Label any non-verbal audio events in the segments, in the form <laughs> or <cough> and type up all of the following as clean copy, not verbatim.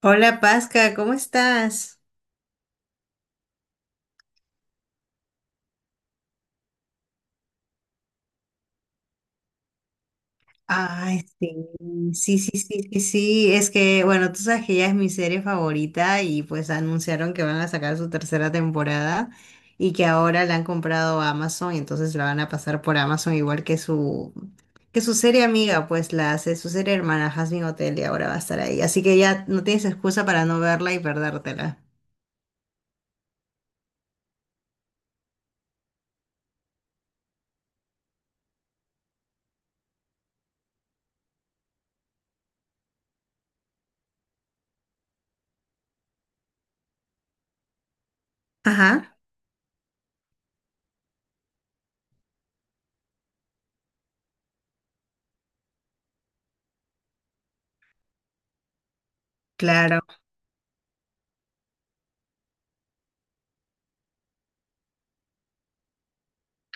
Hola Pasca, ¿cómo estás? Ay, sí, sí, sí, sí, sí, sí, es que, bueno, tú sabes que ella es mi serie favorita y pues anunciaron que van a sacar su tercera temporada y que ahora la han comprado a Amazon y entonces la van a pasar por Amazon igual que que su serie amiga, pues la hace su serie hermana Jasmine Hotel y ahora va a estar ahí. Así que ya no tienes excusa para no verla y perdértela. Ajá, claro.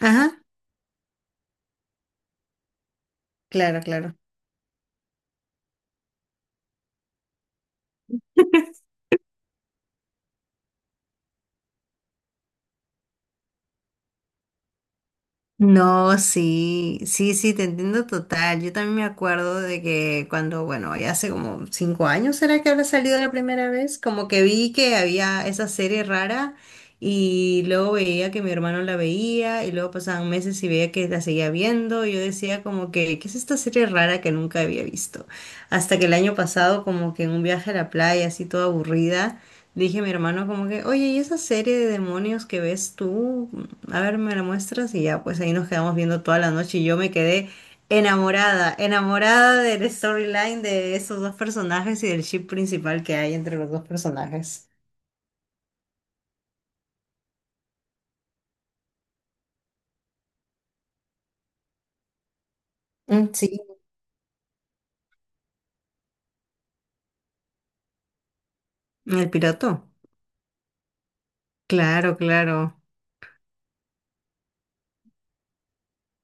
Ajá, claro, claro. No, sí, sí, sí, te entiendo total. Yo también me acuerdo de que cuando, bueno, ya hace como 5 años, ¿será que habrá salido la primera vez? Como que vi que había esa serie rara y luego veía que mi hermano la veía y luego pasaban meses y veía que la seguía viendo y yo decía como que, ¿qué es esta serie rara que nunca había visto? Hasta que el año pasado, como que en un viaje a la playa, así toda aburrida. Dije a mi hermano como que, oye, ¿y esa serie de demonios que ves tú? A ver, me la muestras y ya, pues ahí nos quedamos viendo toda la noche y yo me quedé enamorada, enamorada del storyline de esos dos personajes y del ship principal que hay entre los dos personajes. Mm, sí. ¿El piloto? Claro, claro.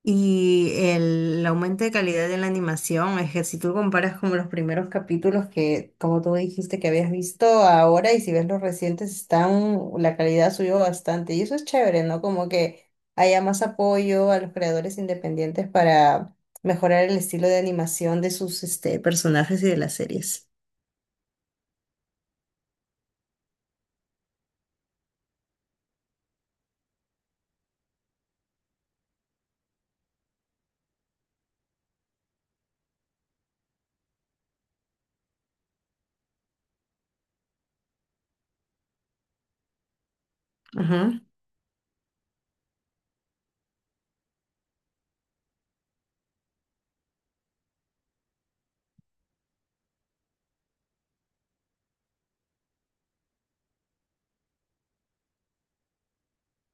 Y el aumento de calidad de la animación es que si tú comparas como los primeros capítulos que, como tú dijiste que habías visto ahora y si ves los recientes, están, la calidad subió bastante. Y eso es chévere, ¿no? Como que haya más apoyo a los creadores independientes para mejorar el estilo de animación de sus, este, personajes y de las series.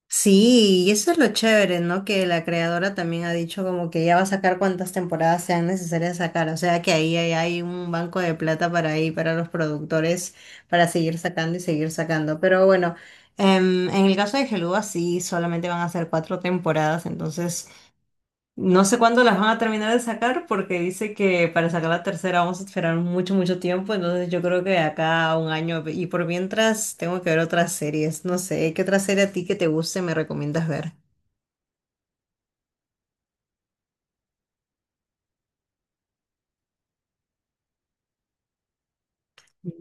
Sí, y eso es lo chévere, ¿no? Que la creadora también ha dicho como que ya va a sacar cuantas temporadas sean necesarias sacar, o sea que ahí hay un banco de plata para ahí, para los productores, para seguir sacando y seguir sacando. Pero bueno, en el caso de Geluga sí, solamente van a ser cuatro temporadas, entonces no sé cuándo las van a terminar de sacar porque dice que para sacar la tercera vamos a esperar mucho, mucho tiempo. Entonces yo creo que de acá a un año y por mientras tengo que ver otras series. No sé, ¿qué otra serie a ti que te guste me recomiendas ver?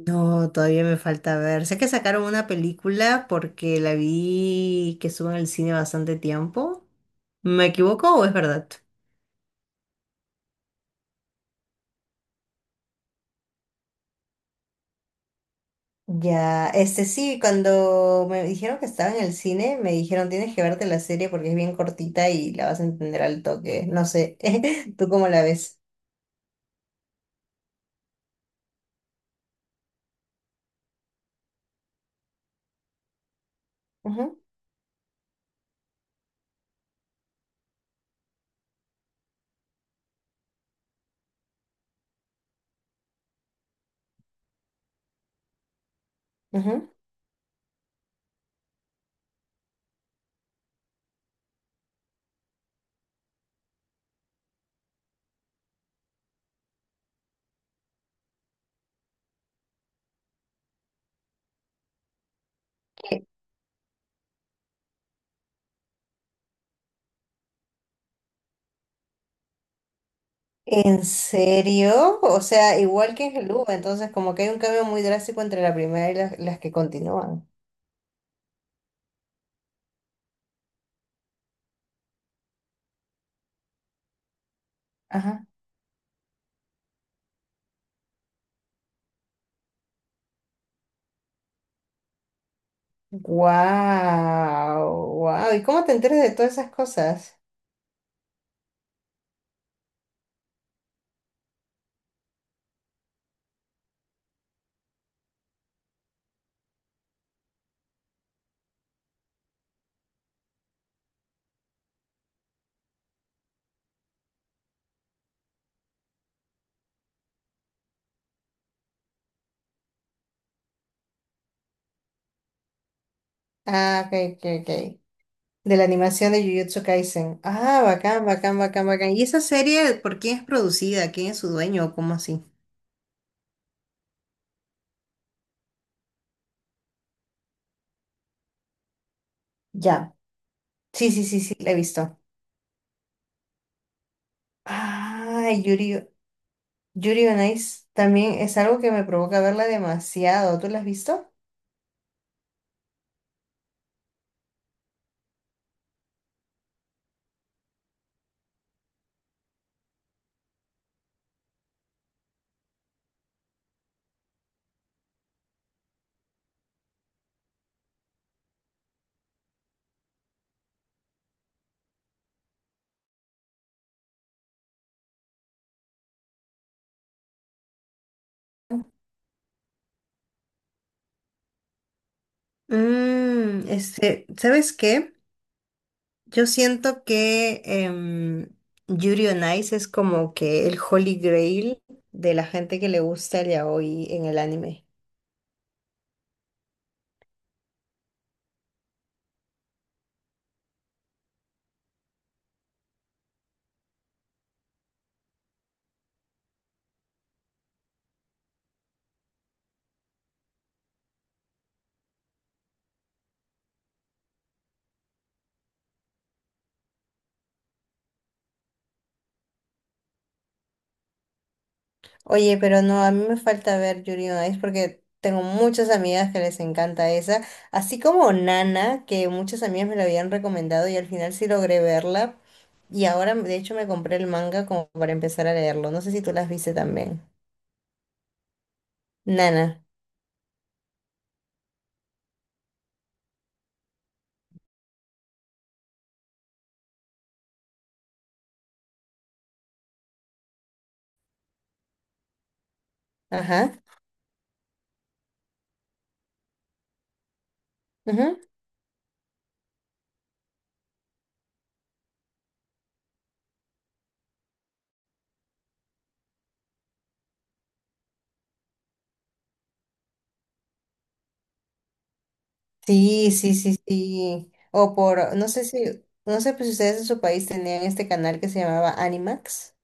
No, todavía me falta ver. Sé que sacaron una película porque la vi que estuvo en el cine bastante tiempo. ¿Me equivoco o es verdad? Ya, este sí, cuando me dijeron que estaba en el cine, me dijeron tienes que verte la serie porque es bien cortita y la vas a entender al toque. No sé, <laughs> ¿tú cómo la ves? Ujú, ujú. ¿Qué? ¿En serio? O sea, igual que en Helú, entonces como que hay un cambio muy drástico entre la primera y las que continúan. Ajá. Wow, wow. ¿Y cómo te enteras de todas esas cosas? Ah, ok, ok, ok. De la animación de Jujutsu Kaisen. Ah, bacán, bacán, bacán, bacán. ¿Y esa serie por quién es producida? ¿Quién es su dueño o cómo así? Ya. Sí, sí, sí, sí, la he visto. Ah, Yuri, Yuri on Ice también es algo que me provoca verla demasiado. ¿Tú la has visto? Mm, este, ¿sabes qué? Yo siento que em, Yuri on Ice es como que el Holy Grail de la gente que le gusta el yaoi en el anime. Oye, pero no, a mí me falta ver Yuri on Ice porque tengo muchas amigas que les encanta esa, así como Nana, que muchas amigas me la habían recomendado y al final sí logré verla y ahora de hecho me compré el manga como para empezar a leerlo. No sé si tú las viste también. Nana, ajá. Ujú. Sí, sí, sí, sí. O por, no sé si, no sé pues, si ustedes en su país tenían este canal que se llamaba Animax.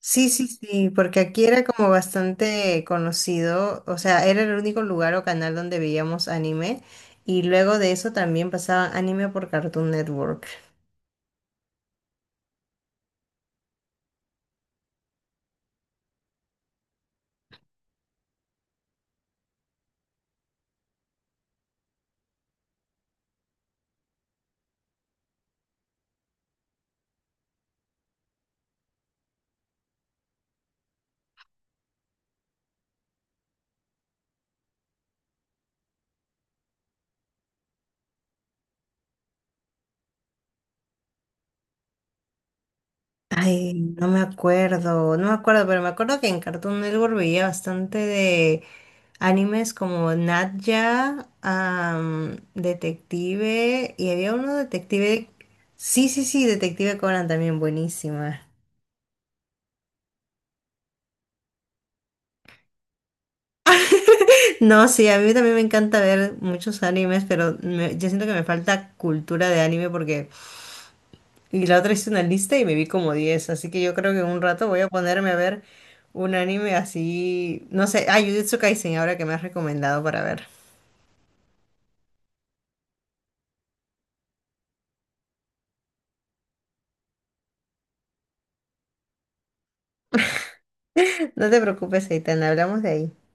Sí, sí, sí, porque aquí era como bastante conocido, o sea, era el único lugar o canal donde veíamos anime y luego de eso también pasaban anime por Cartoon Network. Ay, no me acuerdo, no me acuerdo, pero me acuerdo que en Cartoon Network veía bastante de animes como Nat Geo, Detective y había uno Detective, sí, sí, sí, Detective Conan también buenísima. No, sí, a mí también me encanta ver muchos animes, pero yo siento que me falta cultura de anime porque... Y la otra hice una lista y me vi como 10, así que yo creo que en un rato voy a ponerme a ver un anime así... No sé, ah, Jujutsu Kaisen, ahora que me has recomendado para ver. <laughs> No te preocupes, Eitan, hablamos de ahí.